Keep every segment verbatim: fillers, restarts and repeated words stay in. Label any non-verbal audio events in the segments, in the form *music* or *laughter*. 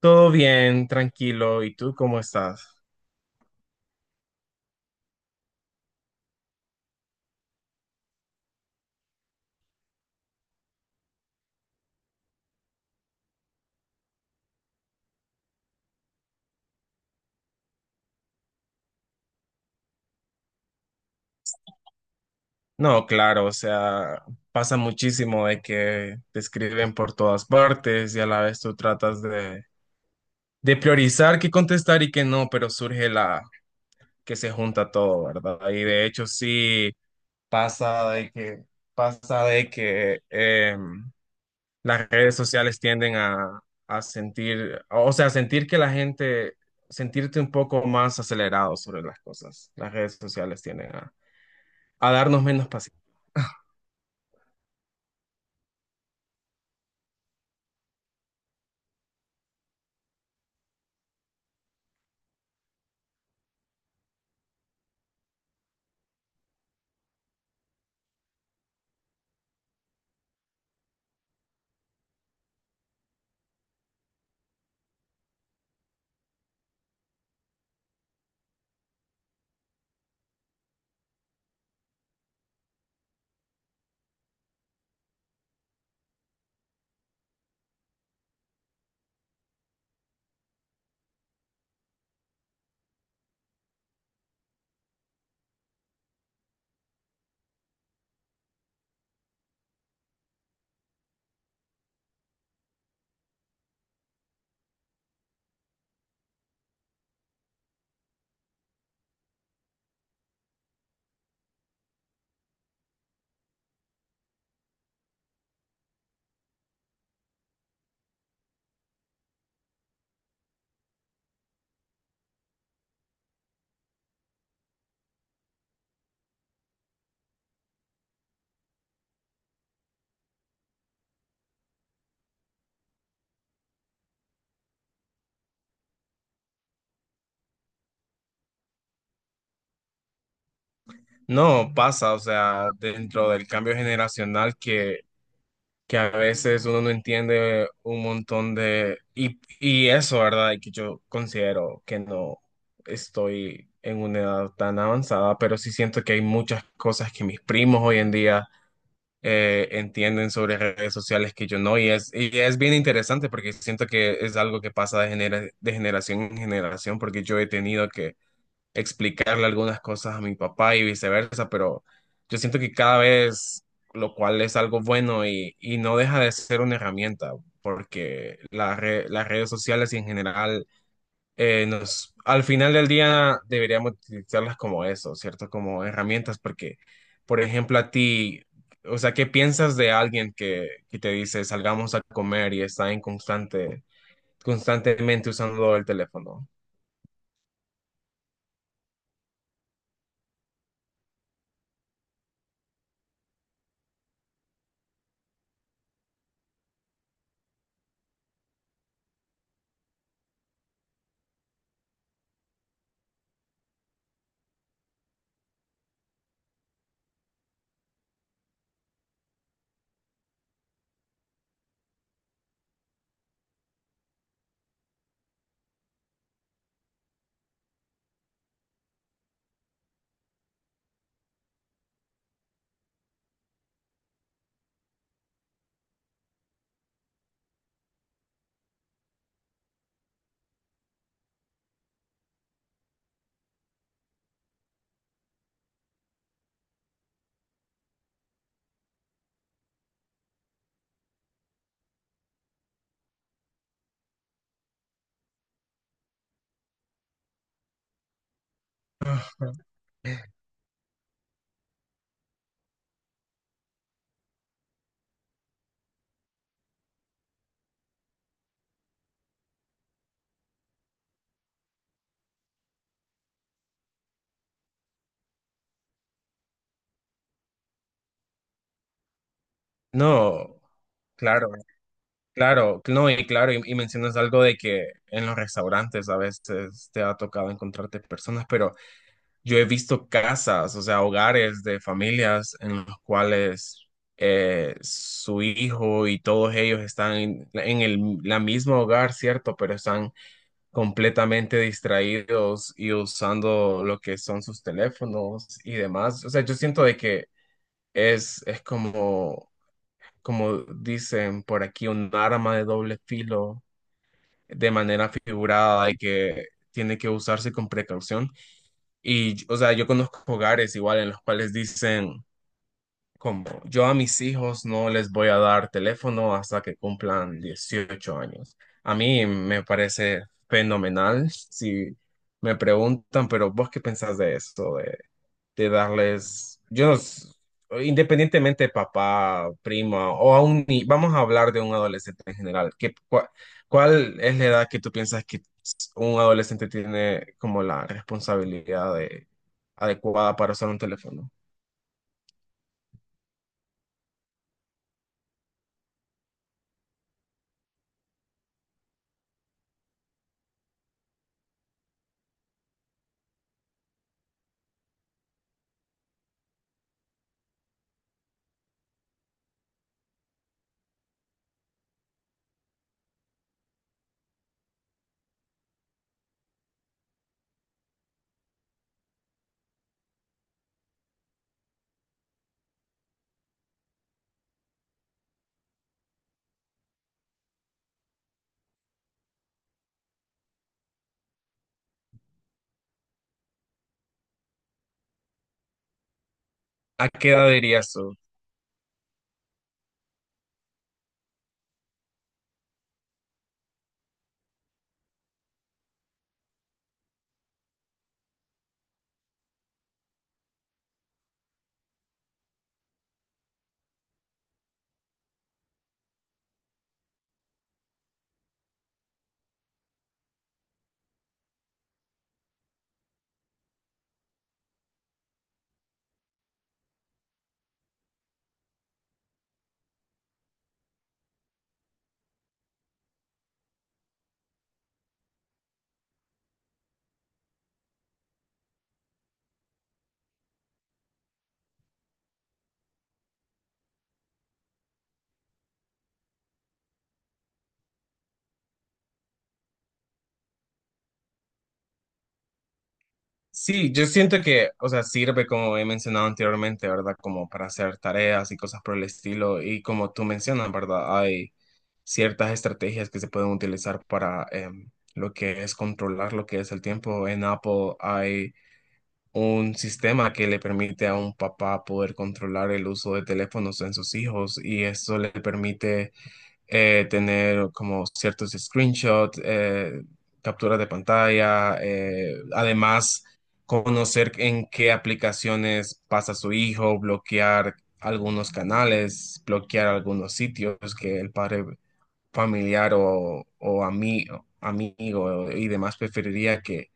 Todo bien, tranquilo. ¿Y tú cómo estás? No, claro, o sea, pasa muchísimo de que te escriben por todas partes y a la vez tú tratas de, de priorizar qué contestar y qué no, pero surge la que se junta todo, ¿verdad? Y de hecho sí pasa de que pasa de que em, las redes sociales tienden a, a sentir, o sea, sentir que la gente, sentirte un poco más acelerado sobre las cosas. Las redes sociales tienden a a darnos menos paciencia. No, pasa, o sea, dentro del cambio generacional que, que a veces uno no entiende un montón de... Y, y eso, ¿verdad? Que yo considero que no estoy en una edad tan avanzada, pero sí siento que hay muchas cosas que mis primos hoy en día eh, entienden sobre redes sociales que yo no, y es, y es bien interesante porque siento que es algo que pasa de, genera- de generación en generación, porque yo he tenido que explicarle algunas cosas a mi papá y viceversa, pero yo siento que cada vez, lo cual es algo bueno y, y no deja de ser una herramienta, porque la re- las redes sociales y en general, eh, nos, al final del día deberíamos utilizarlas como eso, ¿cierto? Como herramientas, porque, por ejemplo, a ti, o sea, ¿qué piensas de alguien que, que te dice salgamos a comer y está en constante, constantemente usando el teléfono? *laughs* No, claro, claro, no, y claro, y, y mencionas algo de que en los restaurantes a veces te ha tocado encontrarte personas, pero yo he visto casas, o sea, hogares de familias en los cuales eh, su hijo y todos ellos están en, en el la mismo hogar, ¿cierto? Pero están completamente distraídos y usando lo que son sus teléfonos y demás. O sea, yo siento de que es, es como como dicen por aquí, un arma de doble filo de manera figurada y que tiene que usarse con precaución. Y, o sea, yo conozco hogares igual en los cuales dicen, como yo a mis hijos no les voy a dar teléfono hasta que cumplan dieciocho años. A mí me parece fenomenal si me preguntan, pero ¿vos qué pensás de esto? De darles, yo no s- independientemente de papá, prima o a un ni- vamos a hablar de un adolescente en general. ¿Qué, cua- cuál, es la edad que tú piensas que un adolescente tiene como la responsabilidad de- adecuada para usar un teléfono? ¿A qué edad dirías tú? Sí, yo siento que, o sea, sirve como he mencionado anteriormente, ¿verdad? Como para hacer tareas y cosas por el estilo. Y como tú mencionas, ¿verdad? Hay ciertas estrategias que se pueden utilizar para em, lo que es controlar lo que es el tiempo. En Apple hay un sistema que le permite a un papá poder controlar el uso de teléfonos en sus hijos y eso le permite eh, tener como ciertos screenshots, eh, capturas de pantalla, eh, además conocer en qué aplicaciones pasa su hijo, bloquear algunos canales, bloquear algunos sitios que el padre familiar o, o ami- amigo y demás preferiría que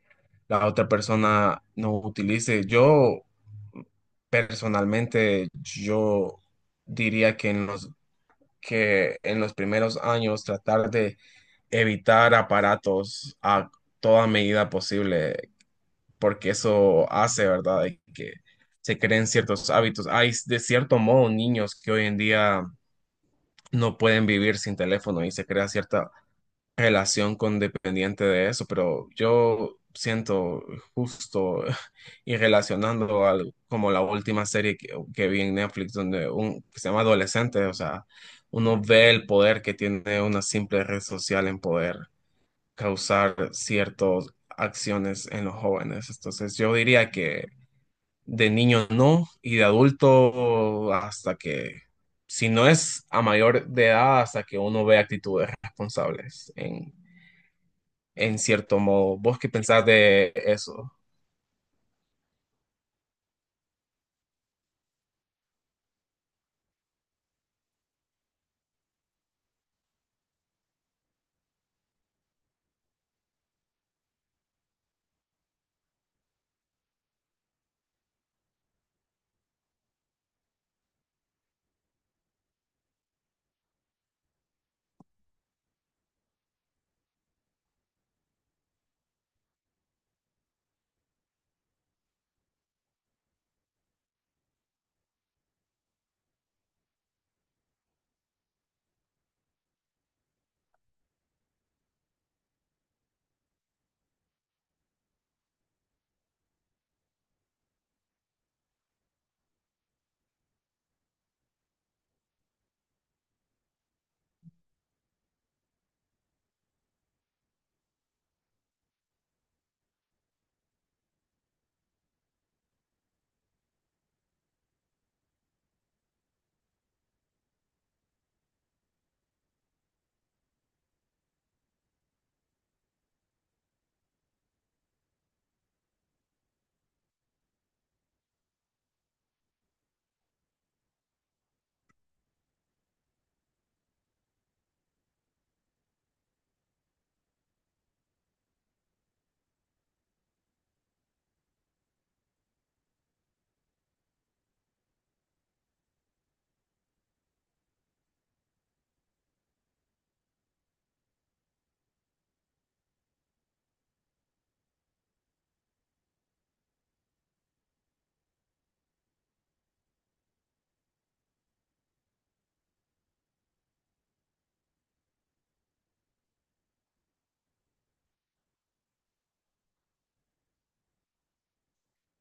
la otra persona no utilice. Yo personalmente, yo diría que en los que en los primeros años tratar de evitar aparatos a toda medida posible, porque eso hace, ¿verdad?, de que se creen ciertos hábitos. Hay, de cierto modo, niños que hoy en día no pueden vivir sin teléfono y se crea cierta relación con dependiente de eso, pero yo siento justo *laughs* y relacionando al, como la última serie que, que vi en Netflix, donde un, que se llama Adolescente, o sea, uno ve el poder que tiene una simple red social en poder causar ciertas acciones en los jóvenes. Entonces yo diría que de niño no y de adulto hasta que... Si no es a mayor de edad, hasta que uno ve actitudes responsables en, en cierto modo. ¿Vos qué pensás de eso?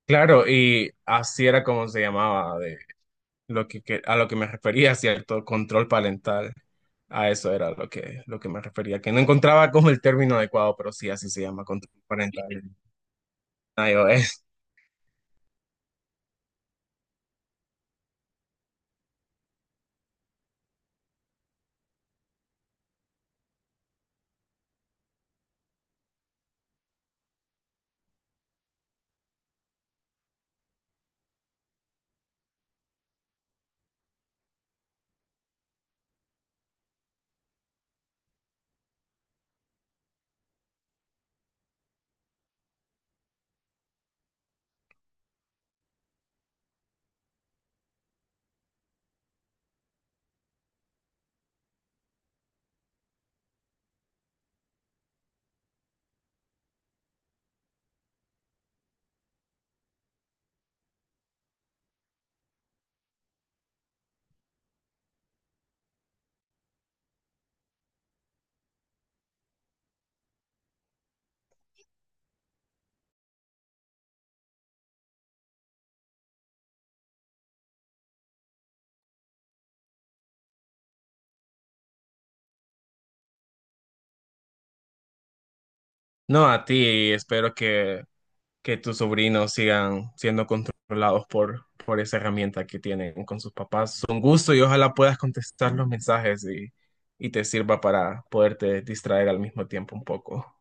Claro, y así era como se llamaba, de lo que, que- a lo que me refería, ¿cierto? Control parental. A eso era lo que, lo que me refería, que no encontraba como el término adecuado, pero sí, así se llama, control parental en iOS. No, a ti, espero que que tus sobrinos sigan siendo controlados por, por esa herramienta que tienen con sus papás. Es un gusto y ojalá puedas contestar los mensajes y, y te sirva para poderte distraer al mismo tiempo un poco.